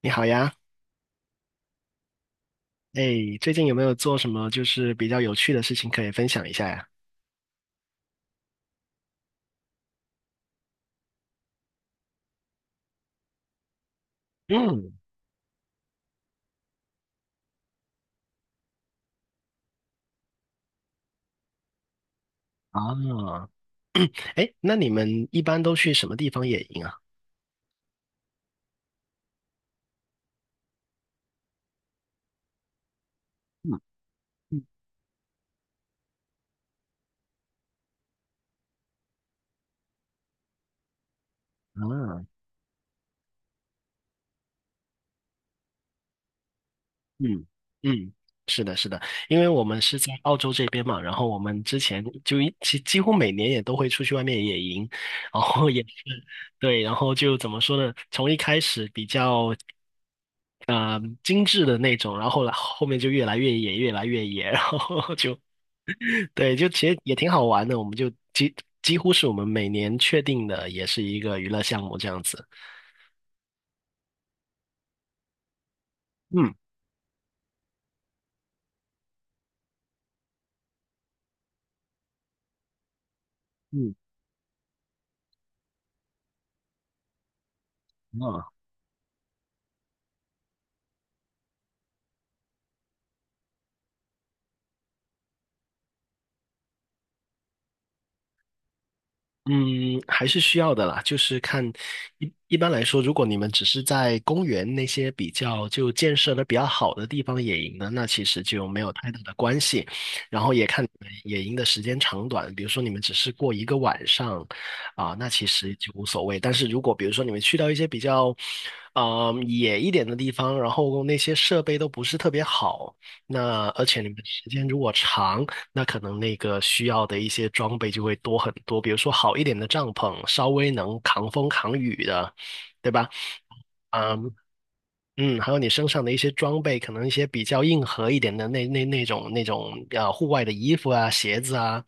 你好呀。哎，最近有没有做什么就是比较有趣的事情可以分享一下呀？嗯。啊。哎，那你们一般都去什么地方野营啊？嗯。啊。嗯嗯，是的，是的，因为我们是在澳洲这边嘛，然后我们之前就几乎每年也都会出去外面野营，然后也是对，然后就怎么说呢？从一开始比较精致的那种，然后后来后面就越来越野，越来越野，然后就对，就其实也挺好玩的，我们几乎是我们每年确定的，也是一个娱乐项目这样子。嗯嗯。嗯嗯，还是需要的啦，就是看一般来说，如果你们只是在公园那些比较就建设的比较好的地方野营呢，那其实就没有太大的关系。然后也看你们野营的时间长短，比如说你们只是过一个晚上啊，那其实就无所谓。但是如果比如说你们去到一些比较野一点的地方，然后那些设备都不是特别好，那而且你们时间如果长，那可能那个需要的一些装备就会多很多，比如说好一点的帐篷，稍微能扛风扛雨的，对吧？嗯嗯，还有你身上的一些装备，可能一些比较硬核一点的那种户外的衣服啊、鞋子啊，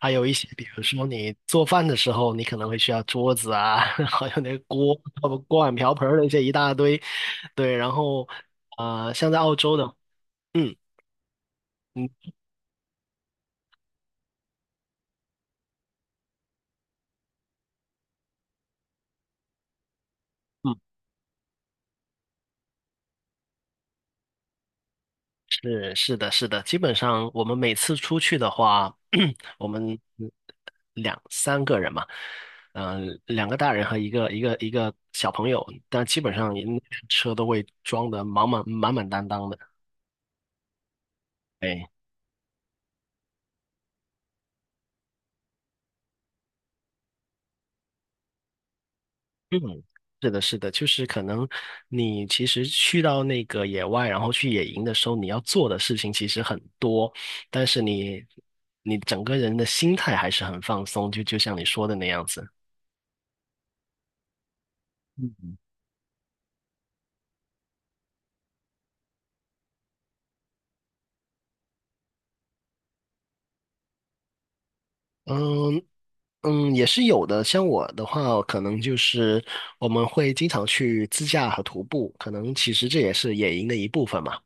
还有一些比如说你做饭的时候，你可能会需要桌子啊，还有那个锅、锅碗瓢盆儿那些一大堆，对，然后像在澳洲的，嗯嗯嗯。是的，是的，基本上我们每次出去的话，我们两三个人嘛，两个大人和一个小朋友，但基本上也车都会装得满满当当的。哎，嗯，是的，是的，就是可能你其实去到那个野外，然后去野营的时候，你要做的事情其实很多，但是你整个人的心态还是很放松，就像你说的那样子。嗯。嗯，也是有的。像我的话，可能就是我们会经常去自驾和徒步，可能其实这也是野营的一部分嘛。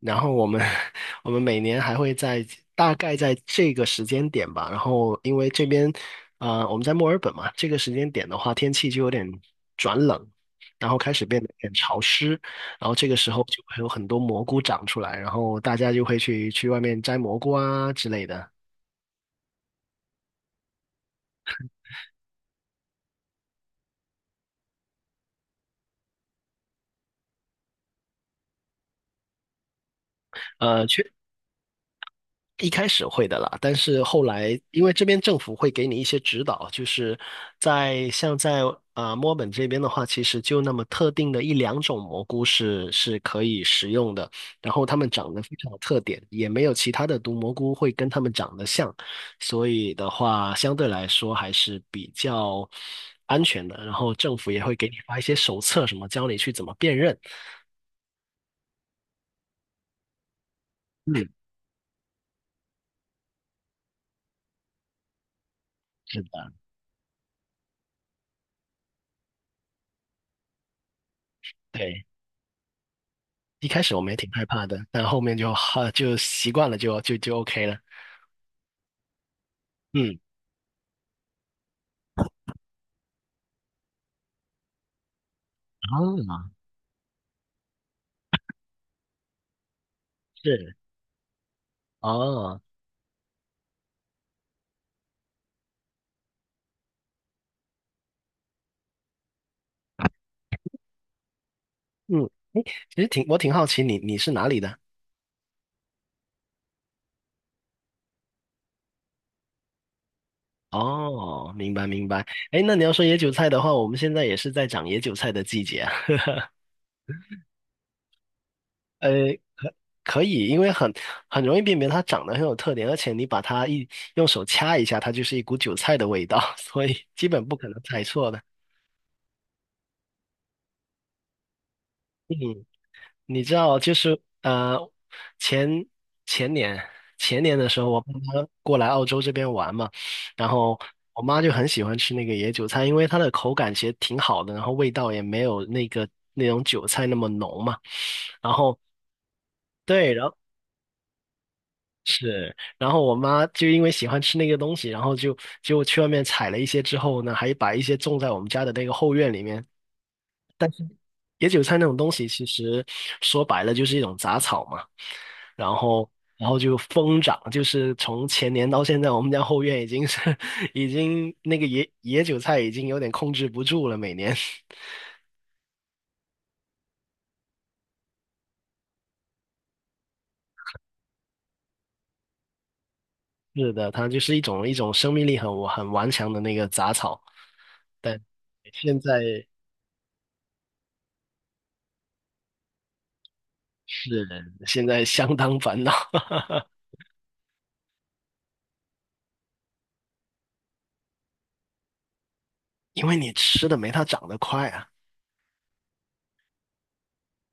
然后我们 我们每年还会在大概在这个时间点吧，然后因为这边我们在墨尔本嘛，这个时间点的话，天气就有点转冷，然后开始变得有点潮湿，然后这个时候就会有很多蘑菇长出来，然后大家就会去外面摘蘑菇啊之类的。呃，去。一开始会的啦，但是后来因为这边政府会给你一些指导，就是在墨尔本这边的话，其实就那么特定的一两种蘑菇是可以食用的，然后它们长得非常有特点，也没有其他的毒蘑菇会跟它们长得像，所以的话相对来说还是比较安全的。然后政府也会给你发一些手册，什么教你去怎么辨认。嗯，是的，对。一开始我们也挺害怕的，但后面就习惯了就 OK 了。嗯，啊，是哦，嗯，其实我挺好奇你是哪里的？哦，明白明白。哎，那你要说野韭菜的话，我们现在也是在长野韭菜的季节啊。呃，可以，因为很容易辨别它长得很有特点，而且你把它用手掐一下，它就是一股韭菜的味道，所以基本不可能猜错的。嗯。你知道，就是前前年前年的时候，我爸妈过来澳洲这边玩嘛，然后我妈就很喜欢吃那个野韭菜，因为它的口感其实挺好的，然后味道也没有那个那种韭菜那么浓嘛。然后对，然后是，然后我妈就因为喜欢吃那个东西，然后就去外面采了一些之后呢，还把一些种在我们家的那个后院里面。野韭菜那种东西，其实说白了就是一种杂草嘛，然后然后就疯长，就是从前年到现在，我们家后院已经是 已经那个野韭菜已经有点控制不住了，每年。是的，它就是一种生命力很顽强的那个杂草，但现在是现在相当烦恼。因为你吃的没它长得快啊。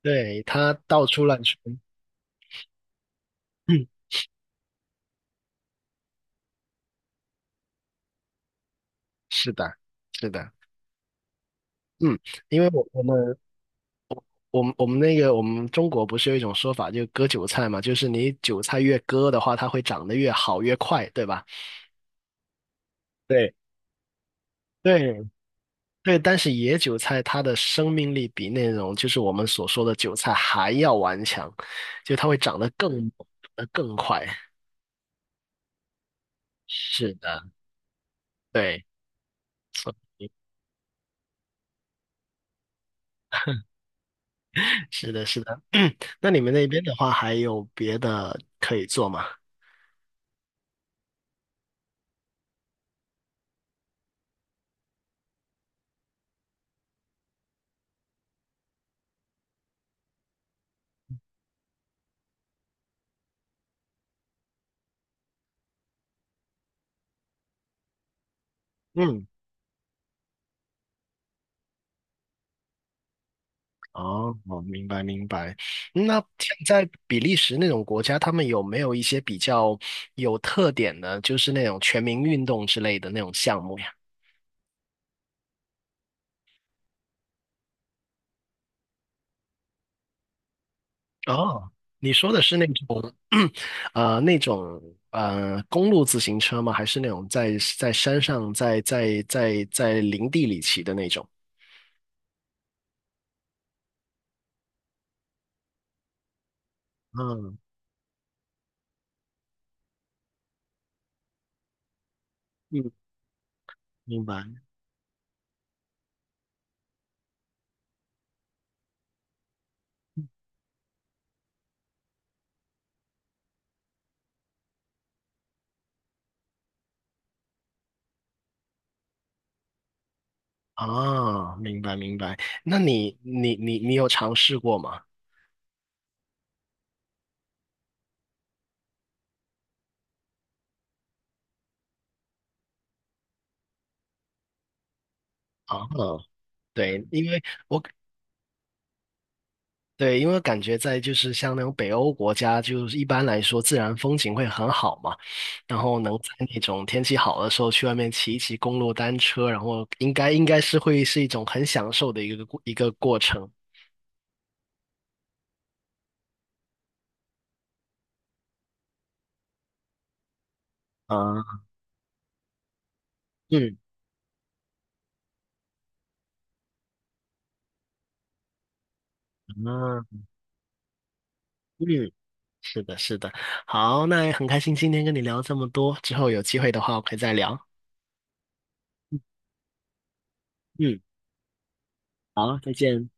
对，它到处乱窜。嗯，是的，是的。嗯，因为我们我们中国不是有一种说法，就割韭菜嘛，就是你韭菜越割的话，它会长得越好越快，对吧？对，对对，但是野韭菜它的生命力比那种就是我们所说的韭菜还要顽强，就它会长得更呃更快。是的，对，所以是的，是的。那你们那边的话，还有别的可以做吗？嗯。哦，我明白明白。那像在比利时那种国家，他们有没有一些比较有特点的，就是那种全民运动之类的那种项目呀？哦，你说的是那种，那种公路自行车吗？还是那种在山上在林地里骑的那种？嗯嗯，明白。啊，明白明白。那你有尝试过吗？啊，对，因为我对，因为感觉在就是像那种北欧国家，就是一般来说自然风景会很好嘛，然后能在那种天气好的时候去外面骑一骑公路单车，然后应该是会是一种很享受的一个过程。啊，嗯啊，嗯，是的，是的。好，那也很开心今天跟你聊这么多，之后有机会的话我可以再聊。嗯，好，再见。